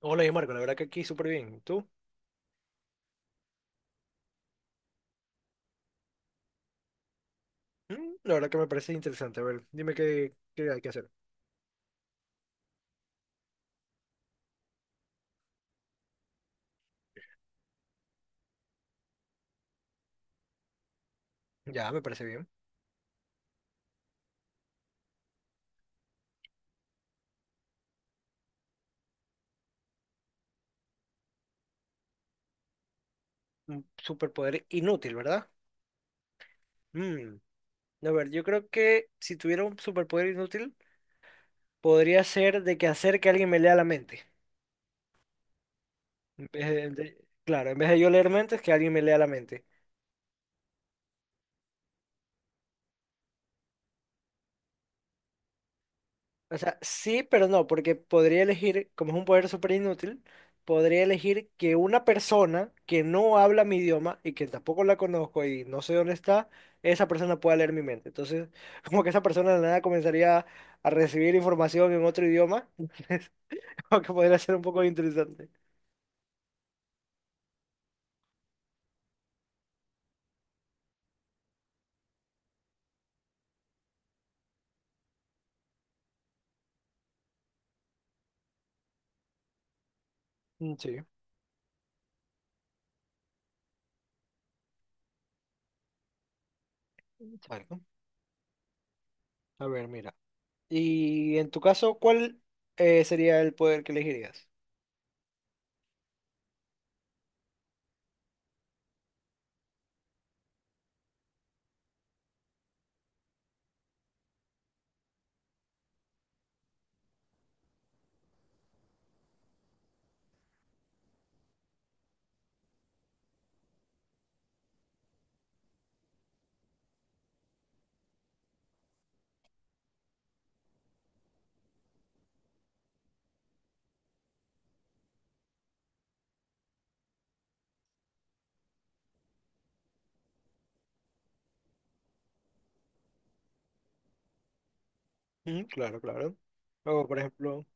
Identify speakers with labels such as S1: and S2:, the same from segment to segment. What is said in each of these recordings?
S1: Hola, yo Marco, la verdad que aquí súper bien. ¿Tú? La verdad que me parece interesante. A ver, dime qué hay que hacer. Ya, me parece bien. Un superpoder inútil, ¿verdad? Mm, A ver, yo creo que si tuviera un superpoder inútil, podría ser de que hacer que alguien me lea la mente. En vez de- Claro, en vez de yo leer mentes, que alguien me lea la mente. O sea, sí, pero no, porque podría elegir, como es un poder súper inútil, podría elegir que una persona que no habla mi idioma y que tampoco la conozco y no sé dónde está, esa persona pueda leer mi mente. Entonces, como que esa persona de la nada comenzaría a recibir información en otro idioma, entonces, como que podría ser un poco interesante. Sí, exacto. A ver, mira. Y en tu caso, ¿cuál sería el poder que elegirías? Claro, claro. O, por ejemplo.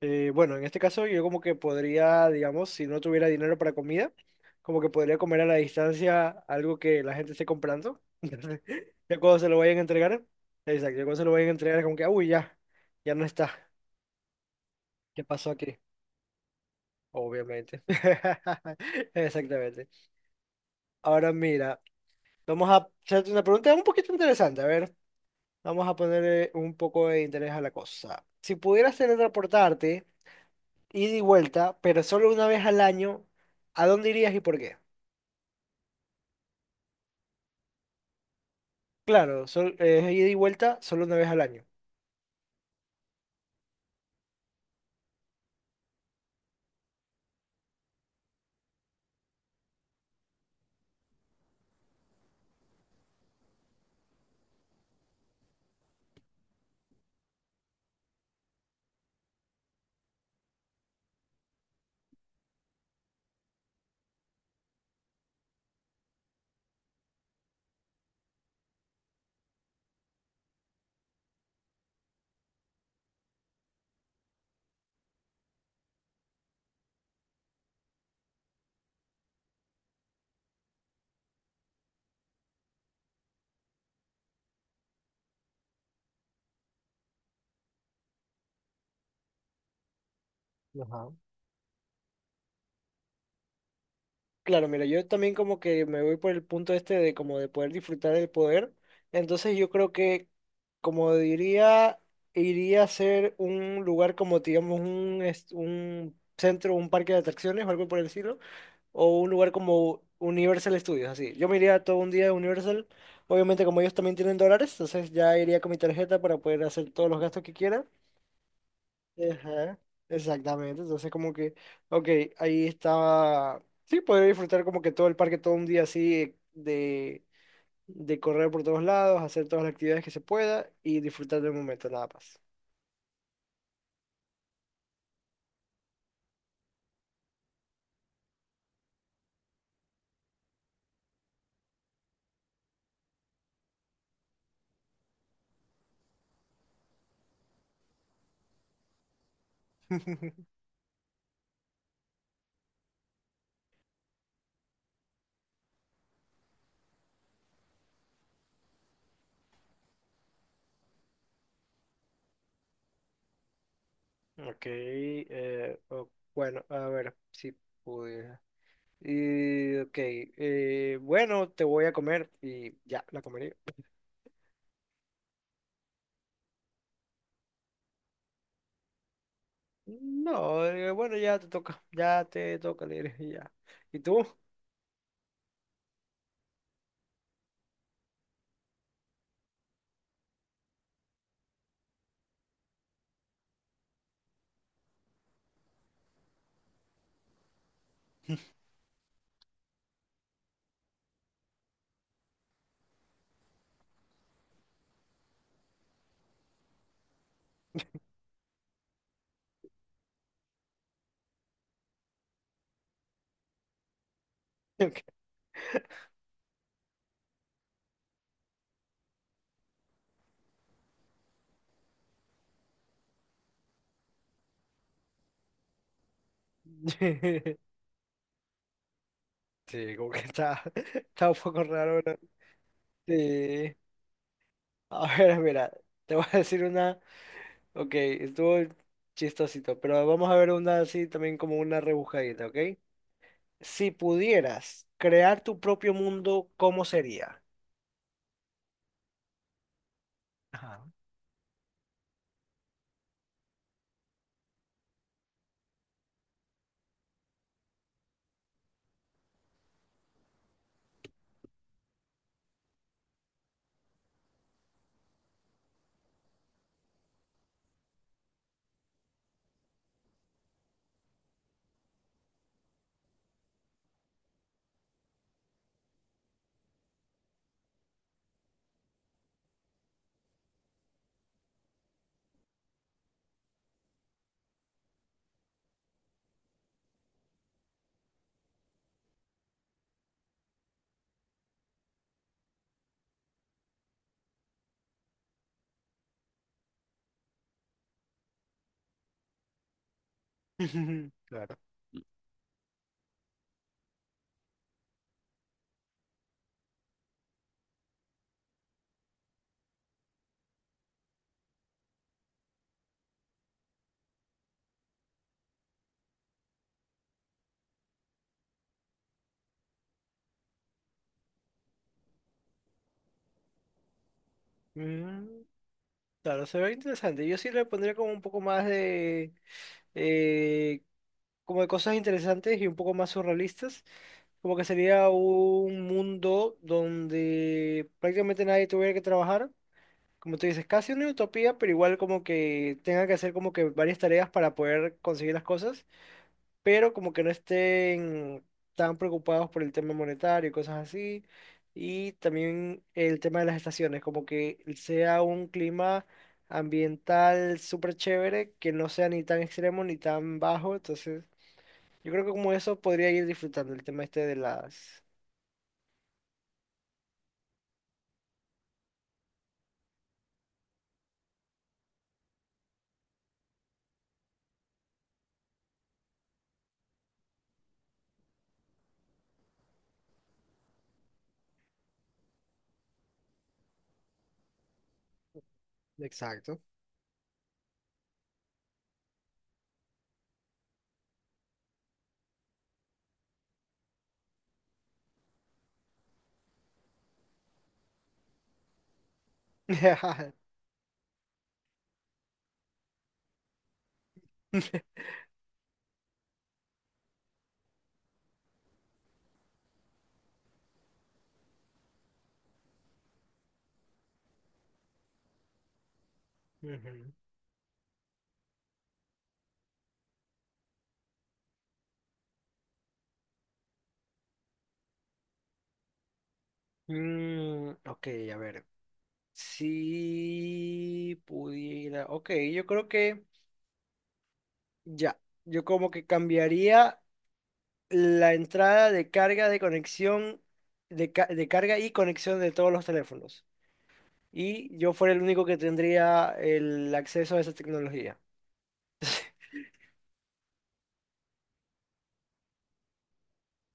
S1: Bueno, en este caso yo como que podría, digamos, si no tuviera dinero para comida, como que podría comer a la distancia algo que la gente esté comprando. Entonces, ya cuando se lo vayan a entregar, exacto, ya cuando se lo vayan a entregar es como que, "Ah, uy, ya, ya no está. ¿Qué pasó aquí? Obviamente. Exactamente. Ahora mira, vamos a hacerte una pregunta un poquito interesante. A ver, vamos a ponerle un poco de interés a la cosa. Si pudieras teletransportarte ida y vuelta, pero solo una vez al año, ¿a dónde irías y por qué? Claro, es ida y vuelta solo una vez al año. Ajá. Claro, mira, yo también como que me voy por el punto este de como de poder disfrutar del poder. Entonces yo creo que, como diría, iría a ser un lugar como, digamos, un centro, un parque de atracciones o algo por el estilo, o un lugar como Universal Studios, así. Yo me iría todo un día a Universal. Obviamente, como ellos también tienen dólares, entonces ya iría con mi tarjeta para poder hacer todos los gastos que quiera. Ajá, exactamente. Entonces, como que, ok, ahí estaba. Sí, poder disfrutar como que todo el parque todo un día así de correr por todos lados, hacer todas las actividades que se pueda y disfrutar del momento, nada más. Ok, bueno, a ver si pude. Y, ok, bueno, te voy a comer y ya, la comería. No, bueno, ya te toca, le diré, y ya. ¿Y tú? Ok. Sí, como que está, está un poco raro, ¿no? Sí. A ver, mira, te voy a decir una, ok, estuvo chistosito, pero vamos a ver una así también como una rebujadita, ¿ok? Si pudieras crear tu propio mundo, ¿cómo sería? Ajá. Mm, claro. Mm, Claro, se ve interesante. Yo sí le pondría como un poco más de, eh, como de cosas interesantes y un poco más surrealistas. Como que sería un mundo donde prácticamente nadie tuviera que trabajar. Como tú dices, casi una utopía, pero igual como que tenga que hacer como que varias tareas para poder conseguir las cosas, pero como que no estén tan preocupados por el tema monetario y cosas así. Y también el tema de las estaciones, como que sea un clima ambiental súper chévere, que no sea ni tan extremo ni tan bajo. Entonces, yo creo que como eso podría ir disfrutando el tema este de las... Exacto. Ujú. Mm, ok, a ver. Si pudiera. Ok, yo creo que ya. Yo como que cambiaría la entrada de carga de conexión, de carga y conexión de todos los teléfonos. Y yo fuera el único que tendría el acceso a esa tecnología.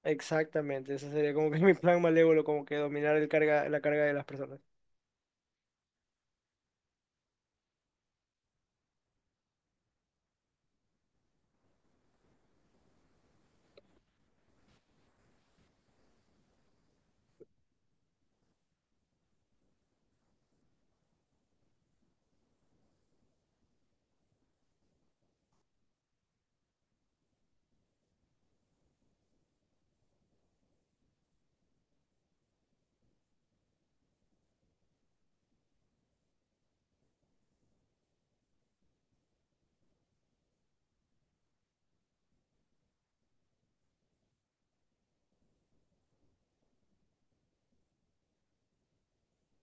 S1: Exactamente, ese sería como que mi plan malévolo, como que dominar la carga de las personas.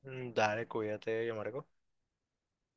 S1: Dale, cuídate, yo Marco.